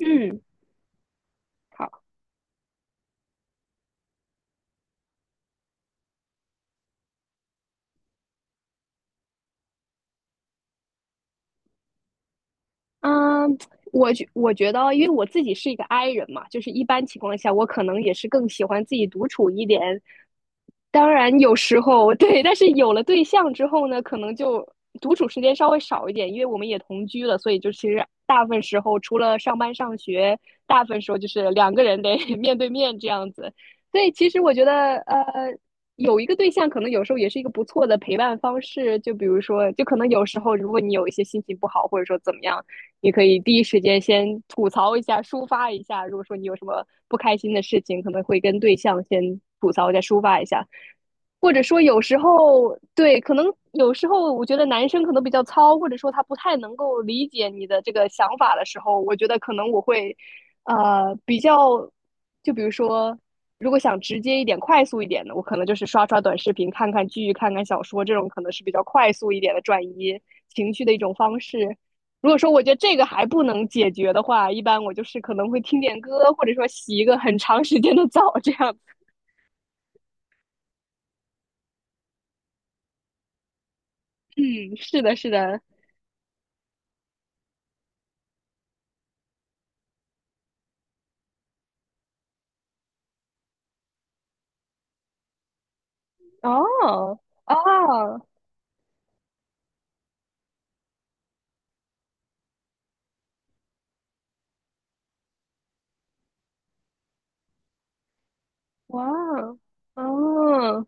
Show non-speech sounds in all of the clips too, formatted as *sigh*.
嗯，好，嗯，我觉得，因为我自己是一个 I 人嘛，就是一般情况下，我可能也是更喜欢自己独处一点，当然有时候 *laughs* 对，但是有了对象之后呢，可能就独处时间稍微少一点，因为我们也同居了，所以就其实大部分时候除了上班上学，大部分时候就是两个人得 *laughs* 面对面这样子。所以其实我觉得，有一个对象可能有时候也是一个不错的陪伴方式。就比如说，就可能有时候如果你有一些心情不好，或者说怎么样，你可以第一时间先吐槽一下，抒发一下。如果说你有什么不开心的事情，可能会跟对象先吐槽一下，抒发一下。或者说有时候对，可能有时候我觉得男生可能比较糙，或者说他不太能够理解你的这个想法的时候，我觉得可能我会，呃，比较，就比如说，如果想直接一点、快速一点的，我可能就是刷刷短视频、看看剧、看看小说，这种可能是比较快速一点的转移情绪的一种方式。如果说我觉得这个还不能解决的话，一般我就是可能会听点歌，或者说洗一个很长时间的澡，这样。*laughs* 嗯，是的，是的。哦哦，哇哦，哦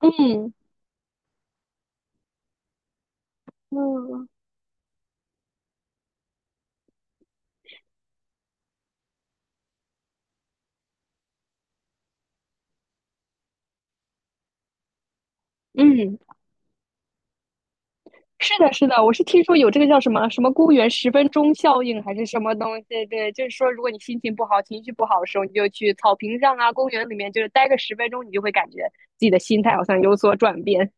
嗯嗯嗯，是的，是的，我是听说有这个叫什么什么公园十分钟效应还是什么东西？对，就是说，如果你心情不好、情绪不好的时候，你就去草坪上啊、公园里面，就是待个十分钟，你就会感觉自己的心态好像有所转变。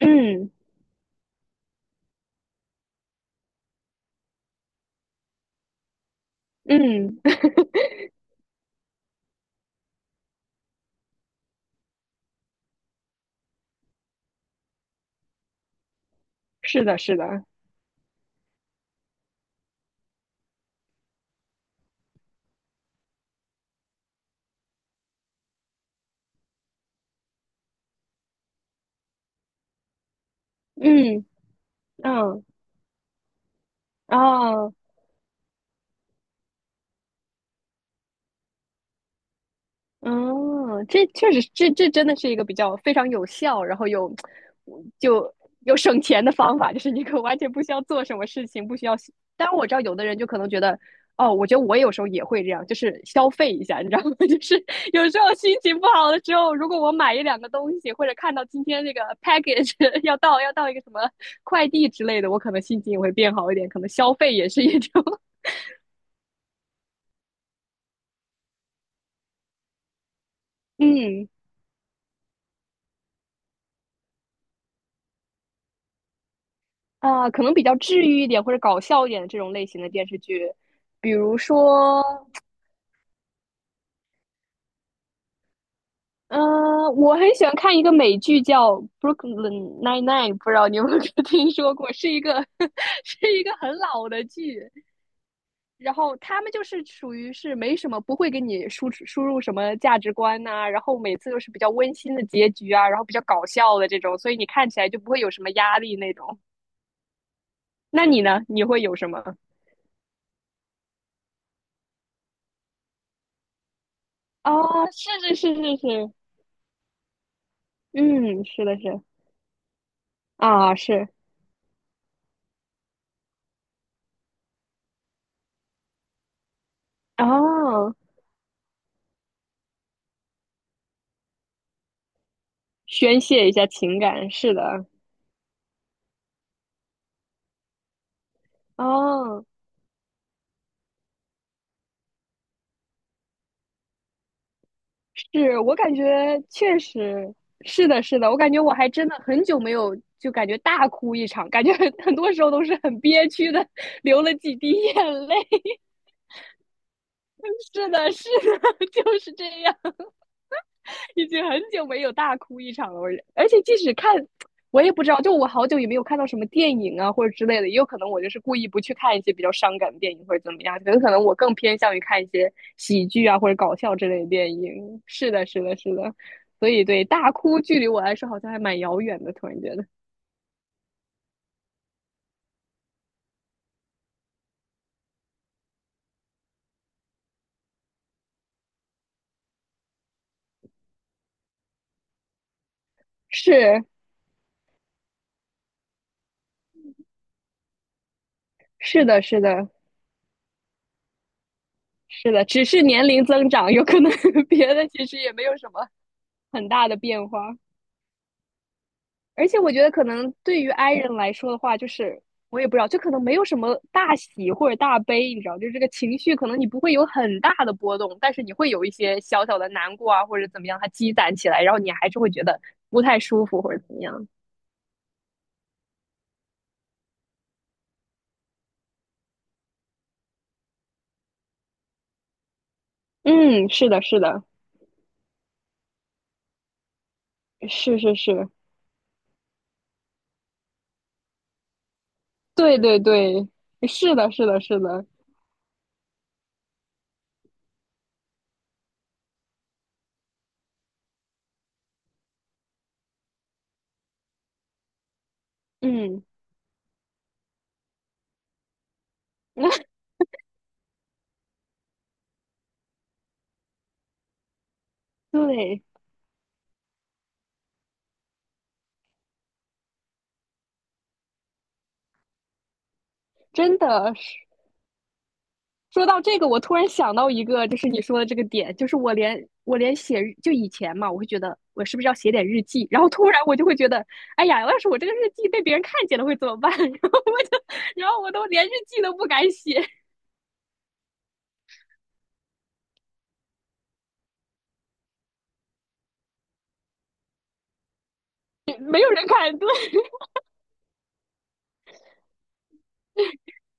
嗯嗯，*laughs* 是的，是的，嗯嗯啊。哦嗯，这确实，这真的是一个比较非常有效，然后就又省钱的方法，就是你可完全不需要做什么事情，不需要。当然，我知道有的人就可能觉得，哦，我觉得我有时候也会这样，就是消费一下，你知道吗？*laughs* 就是有时候心情不好的时候，如果我买一两个东西，或者看到今天这个 package *laughs* 要到一个什么快递之类的，我可能心情也会变好一点，可能消费也是一种，*laughs* 嗯啊，可能比较治愈一点或者搞笑一点的这种类型的电视剧，比如说，嗯、我很喜欢看一个美剧叫《Brooklyn Nine-Nine》，不知道你有没有 *laughs* 听说过？是一个 *laughs* 是一个很老的剧，然后他们就是属于是没什么，不会给你输出输入什么价值观呐、然后每次都是比较温馨的结局啊，然后比较搞笑的这种，所以你看起来就不会有什么压力那种。那你呢？你会有什么？啊，是是是是是，嗯，是的是。啊，是啊，宣泄一下情感，是的，哦，是我感觉确实是的，是的，我感觉我还真的很久没有就感觉大哭一场，感觉很多时候都是很憋屈的，*laughs* 流了几滴眼泪。*laughs* 是的，是的，*laughs* 就是这样。已经很久没有大哭一场了。我而且即使看，我也不知道，就我好久也没有看到什么电影啊或者之类的，也有可能我就是故意不去看一些比较伤感的电影或者怎么样，可能我更偏向于看一些喜剧啊或者搞笑之类的电影。是的，是的，是的。所以对大哭距离我来说好像还蛮遥远的，突然觉得是。是的，是的，是的，只是年龄增长，有可能 *laughs* 别的其实也没有什么很大的变化。而且我觉得可能对于 i 人来说的话，就是我也不知道，就可能没有什么大喜或者大悲，你知道，就是这个情绪可能你不会有很大的波动，但是你会有一些小小的难过啊，或者怎么样，它积攒起来，然后你还是会觉得不太舒服或者怎么样。嗯，是的，是的，是是是，对对对，是的，是的，是的，嗯，*laughs* 对，真的是。说到这个，我突然想到一个，就是你说的这个点，就是我连写就以前嘛，我会觉得我是不是要写点日记，然后突然我就会觉得，哎呀，要是我这个日记被别人看见了会怎么办？*laughs* 然后我就，然后我都连日记都不敢写，*laughs* 没有人看，对，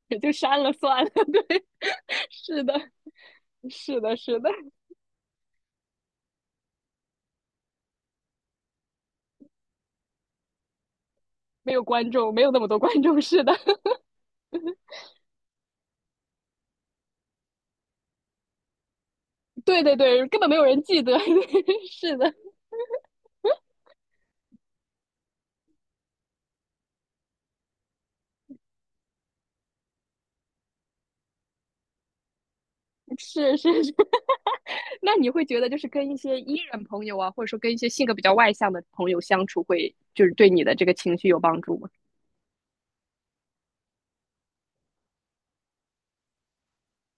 也就删了算了，对，*laughs* 是的，是的，是的，没有观众，没有那么多观众，是的，*laughs* 对对对，根本没有人记得，*laughs* 是的。是是是，*laughs* 那你会觉得就是跟一些 E 人朋友啊，或者说跟一些性格比较外向的朋友相处会，就是对你的这个情绪有帮助吗？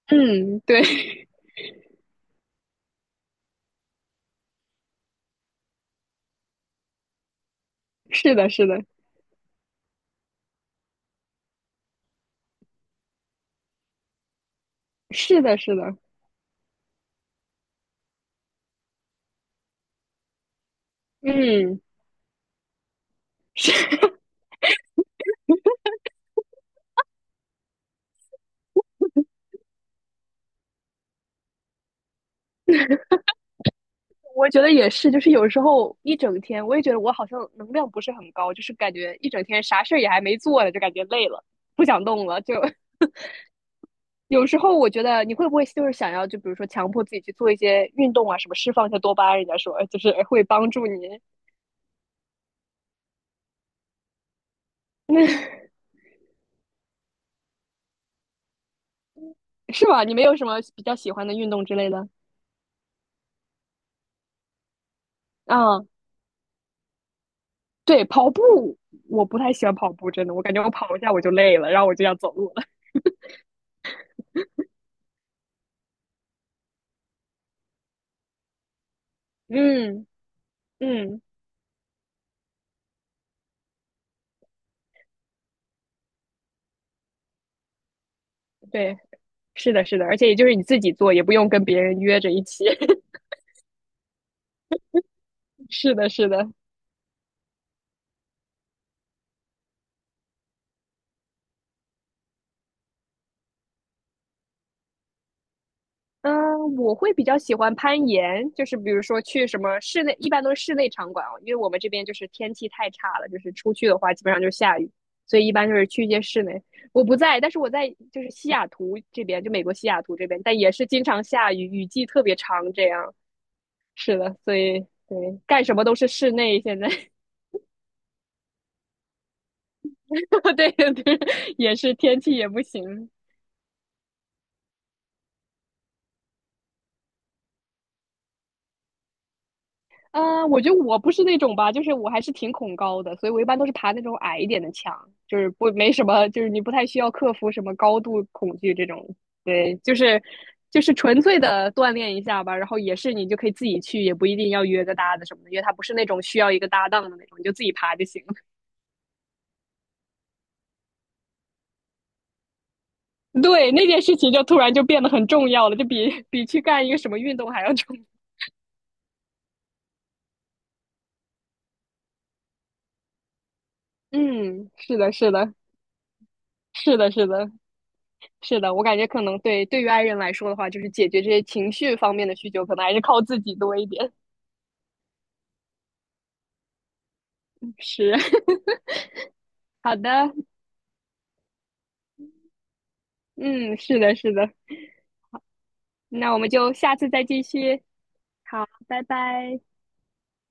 *laughs* 嗯，对，*laughs* 是的，是的，是的，是的，嗯，是，*laughs* 我觉得也是，就是有时候一整天，我也觉得我好像能量不是很高，就是感觉一整天啥事儿也还没做呢，就感觉累了，不想动了，就 *laughs*。有时候我觉得你会不会就是想要，就比如说强迫自己去做一些运动啊，什么释放一下多巴胺，人家说就是会帮助你。*laughs* 那是吧？你没有什么比较喜欢的运动之类的？嗯，对，跑步我不太喜欢跑步，真的，我感觉我跑一下我就累了，然后我就要走路了。*laughs* 嗯嗯，对，是的，是的，而且也就是你自己做，也不用跟别人约着一起。*laughs* 是的，是的，嗯，我会比较喜欢攀岩，就是比如说去什么室内，一般都是室内场馆哦，因为我们这边就是天气太差了，就是出去的话基本上就是下雨，所以一般就是去一些室内。我不在，但是我在就是西雅图这边，就美国西雅图这边，但也是经常下雨，雨季特别长这样。是的，所以对，干什么都是室内现在，*laughs* 对对，也是天气也不行。嗯，我觉得我不是那种吧，就是我还是挺恐高的，所以我一般都是爬那种矮一点的墙，就是不没什么，就是你不太需要克服什么高度恐惧这种。对，就是纯粹的锻炼一下吧，然后也是你就可以自己去，也不一定要约个搭子什么的，因为它不是那种需要一个搭档的那种，你就自己爬就行了。*laughs* 对，那件事情就突然就变得很重要了，就比去干一个什么运动还要重要嗯，是的，是的，是的，是的。是的，我感觉可能对于爱人来说的话，就是解决这些情绪方面的需求，可能还是靠自己多一点。是，*laughs* 好的，嗯，是的，是的，那我们就下次再继续。好，拜拜。